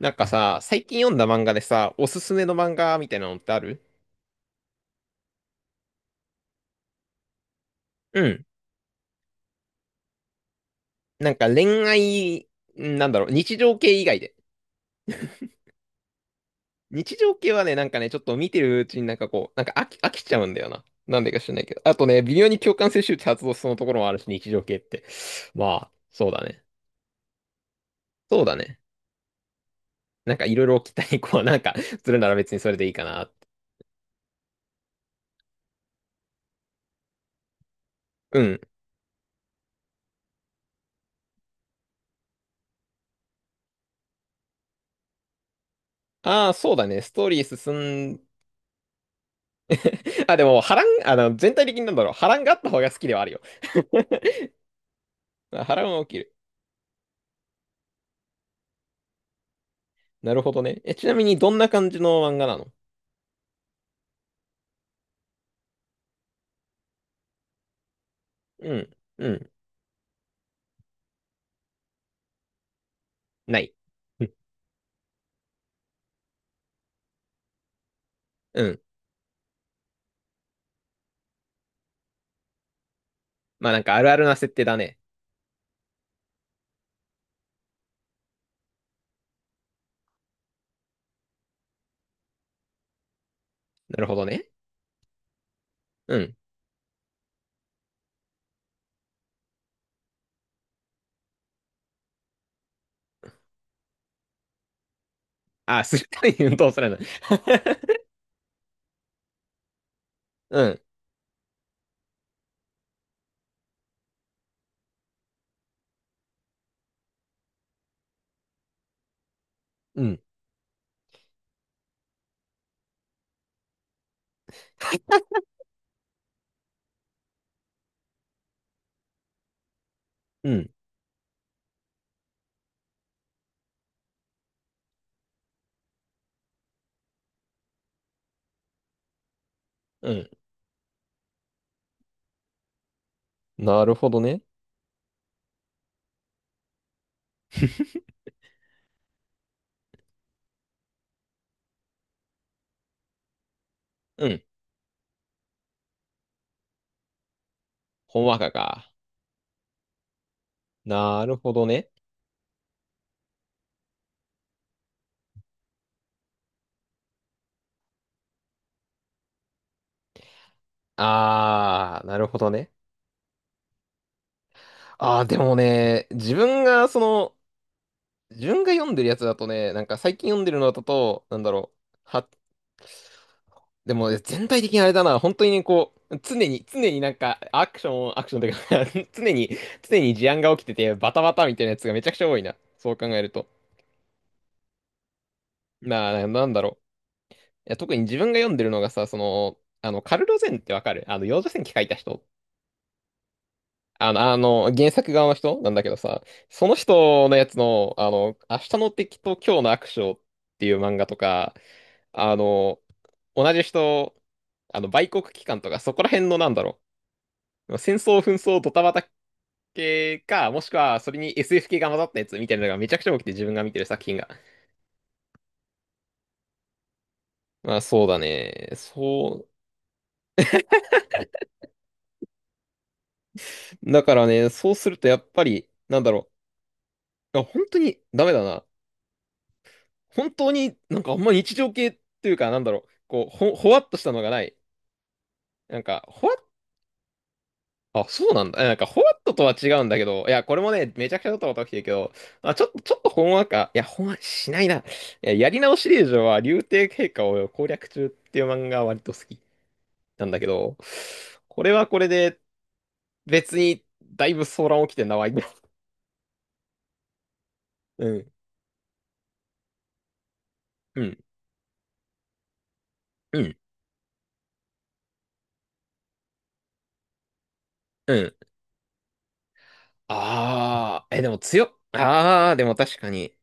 なんかさ、最近読んだ漫画でさ、おすすめの漫画みたいなのってある？うん。なんか恋愛、なんだろう、日常系以外で。日常系はね、なんかね、ちょっと見てるうちになんかこう、飽き、飽きちゃうんだよな。なんでか知らないけど。あとね、微妙に共感性周知発動しそうなところもあるし、日常系って。まあ、そうだね。そうだね。なんかいろいろ期待、こう、なんか、するなら別にそれでいいかなって。うん。ああ、そうだね。ストーリー進ん、あ、でも、波乱、あの、全体的になんだろう、波乱があった方が好きではあるよ。あ、波乱は起きる。なるほどね。え、ちなみにどんな感じの漫画なの？うん。うん。ない。うん。うん。まあなんかあるあるな設定だね。なるほどね。うん。あ、するために運動するの。うん。うん。うん。うん。なるほどね。うん。ほんわかか。なるほどね。あー、なるほどね。あー、でもね、自分がその、自分が読んでるやつだとね、なんか最近読んでるのだと、なんだろう。でも全体的にあれだな、本当にね、こう、常に、常になんか、アクション、アクションというか、 常に、常に事案が起きてて、バタバタみたいなやつがめちゃくちゃ多いな。そう考えると。なあ、なんだろう。いや、特に自分が読んでるのがさ、その、あの、カルロゼンってわかる？あの、幼女戦記書いた人。あの、あの、原作側の人なんだけどさ、その人のやつの、あの、明日の敵と今日の悪将っていう漫画とか、あの、同じ人、あの、売国機関とか、そこら辺のなんだろう。戦争、紛争、ドタバタ系か、もしくはそれに SF 系が混ざったやつみたいなのがめちゃくちゃ多くて自分が見てる作品が。まあそうだね。そう。だからね、そうするとやっぱり、なんだろう。あ、本当にダメだな。本当になんかあんま日常系っていうか、なんだろう。こう、ほ、ほわっとしたのがない。なんか、ほわっ、あ、そうなんだ。え、なんか、ほわっととは違うんだけど、いや、これもね、めちゃくちゃドたこタ起きてるけど、あ、ちょっと、ちょっとほんわか、いや、ほんわかしないな。いや、やり直し令嬢は、竜帝陛下を攻略中っていう漫画は割と好きなんだけど、これはこれで、別に、だいぶ騒乱起きてんな、わい。うん、うん、うん、うん。あー、え、でも強っ。あー、でも確かに。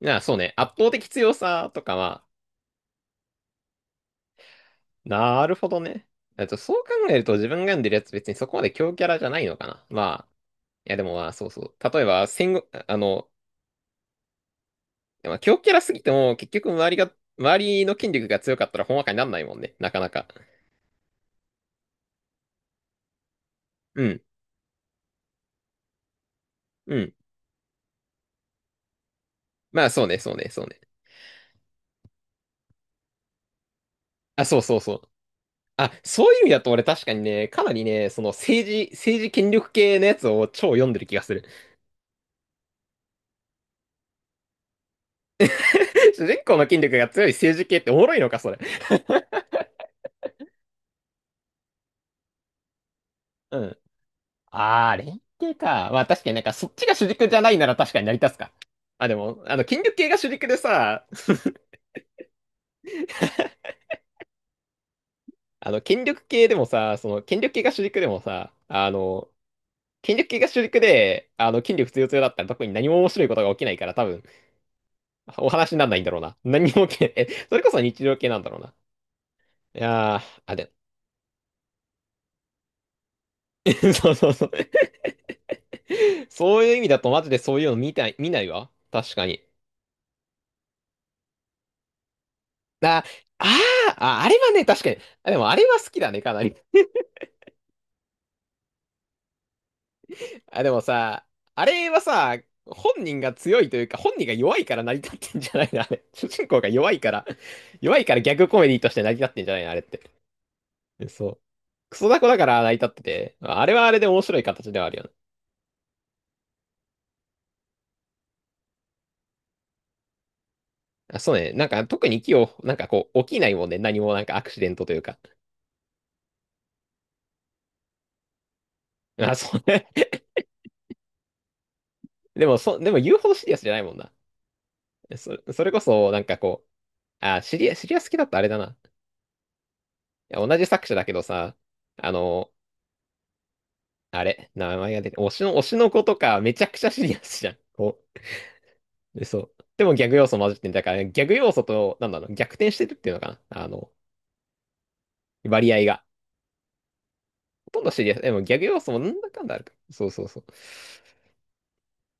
な、そうね、圧倒的強さとかは、なるほどね。えっと、そう考えると自分が読んでるやつ別にそこまで強キャラじゃないのかな。まあ、いや、でもまあ、そうそう。例えば、戦後、あの、まあ、強キャラすぎても、結局周りが、周りの筋力が強かったら、ほんわかになんないもんね。なかなか。うん。うん。まあ、そうね、そうね、そうね。あ、そうそうそう。あ、そういう意味だと俺確かにね、かなりね、その政治、政治権力系のやつを超読んでる気がする。主人公の筋力が強い政治系っておもろいのか、それ。うん。あー、連携か。まあ確かになんかそっちが主軸じゃないなら確かに成り立つか。あ、でも、あの、筋力系が主軸でさ、あの、権力系でもさ、その、権力系が主軸でもさ、あの、権力系が主軸で、あの、権力強強だったら特に何も面白いことが起きないから多分、お話にならないんだろうな。何も起きない。え、それこそ日常系なんだろうな。いやー、あれ。そうそうそう。そういう意味だとマジでそういうの見たい、見ないわ。確かに。あ、あー、あ、あれはね、確かに。あ、でもあれは好きだね、かなり。あ、でもさ、あれはさ、本人が強いというか、本人が弱いから成り立ってんじゃないの、あれ。主人公が弱いから、弱いからギャグコメディとして成り立ってんじゃないの、あれって。そう。クソダコだから成り立ってて、あれはあれで面白い形ではあるよね。あ、そうね。なんか特に木を、なんかこう、起きないもんね。何もなんかアクシデントというか。あ、そうね。でも、そ、でも言うほどシリアスじゃないもんな。そ、それこそ、なんかこう、あ、シリア、シリアス好きだったあれだな。いや同じ作者だけどさ、あの、あれ、名前が出て、推しの、推しの子とかめちゃくちゃシリアスじゃん。こう。で、そう。でもギャグ要素混じってんだから、ギャグ要素と、なんだろう、逆転してるっていうのかな。あの、割合が。ほとんどシリアス。でもギャグ要素もなんだかんだあるか。そうそうそう。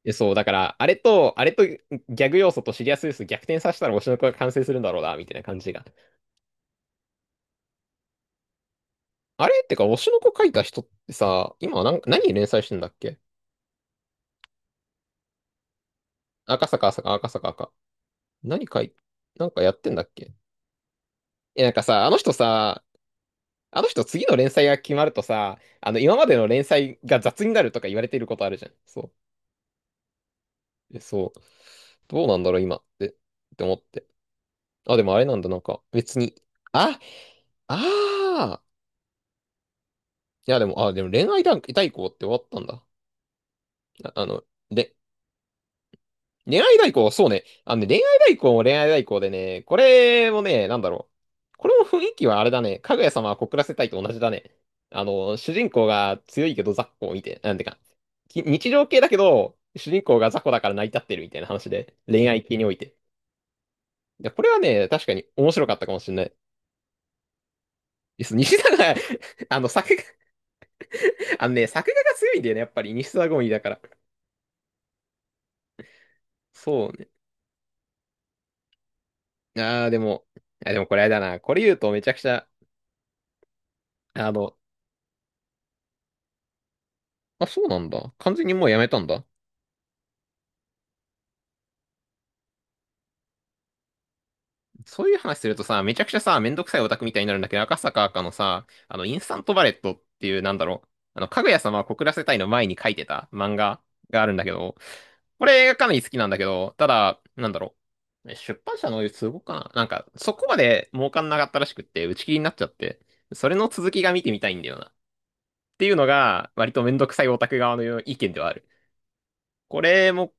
え、そう、だから、あれと、あれとギャグ要素とシリアス要素逆転させたら推しの子が完成するんだろうな、みたいな感じが。あれってか、推しの子書いた人ってさ、今なん、何連載してんだっけ？赤坂、赤坂、赤坂。赤何書い、なんかやってんだっけ？え、なんかさ、あの人さ、あの人次の連載が決まるとさ、あの今までの連載が雑になるとか言われていることあるじゃん。そう。え、そう。どうなんだろう今って、って思って。あ、でもあれなんだ、なんか別に。あ、ああ。いやでも、あ、でも恋愛段階代行って終わったんだ。あ、あの、れ、恋愛代行、そうね。あのね、恋愛代行も恋愛代行でね、これもね、なんだろう。これも雰囲気はあれだね。かぐや様は告らせたいと同じだね。あの、主人公が強いけど雑魚を見て、なんてか、き、日常系だけど、主人公が雑魚だから成り立ってるみたいな話で、恋愛系において。いやこれはね、確かに面白かったかもしれない。です西田が、 あの、作画、あのね、作画が強いんだよね、やっぱり。西田ゴミだから。そうね。あー、でも、あ、でもこれあれだな。これ言うとめちゃくちゃ、あの、あ、そうなんだ。完全にもうやめたんだ。そういう話するとさ、めちゃくちゃさ、めんどくさいオタクみたいになるんだけど、赤坂赤のさ、あの、インスタントバレットっていう、なんだろう。あの、かぐや様は告らせたいの前に書いてた漫画があるんだけど、これがかなり好きなんだけど、ただ、なんだろう。出版社の都合かななんか、そこまで儲かんなかったらしくって、打ち切りになっちゃって、それの続きが見てみたいんだよな。っていうのが、割とめんどくさいオタク側の意見ではある。これも、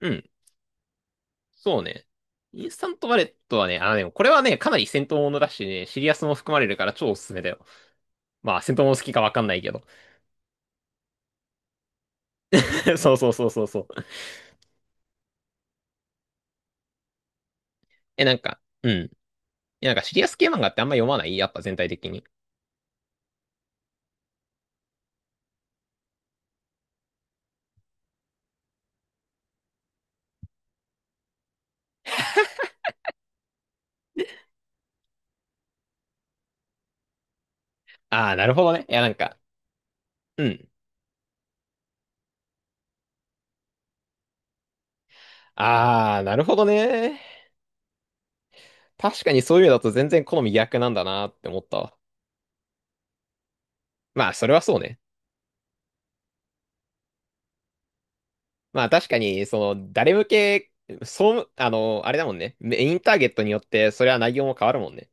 うん。そうね。インスタントバレットはね、あのね、これはね、かなり戦闘ものだしね、シリアスも含まれるから超おすすめだよ。まあ、戦闘もの好きかわかんないけど。そうそうそうそうそう。え、なんか、うん。いや、なんかシリアス系漫画ってあんま読まないやっぱ全体的に。ああ、なるほどね。いや、なんか、うん。ああ、なるほどね。確かにそういうのだと全然好み逆なんだなって思ったわ。まあ、それはそうね。まあ、確かに、その、誰向け、そう、あの、あれだもんね。メインターゲットによって、それは内容も変わるもんね。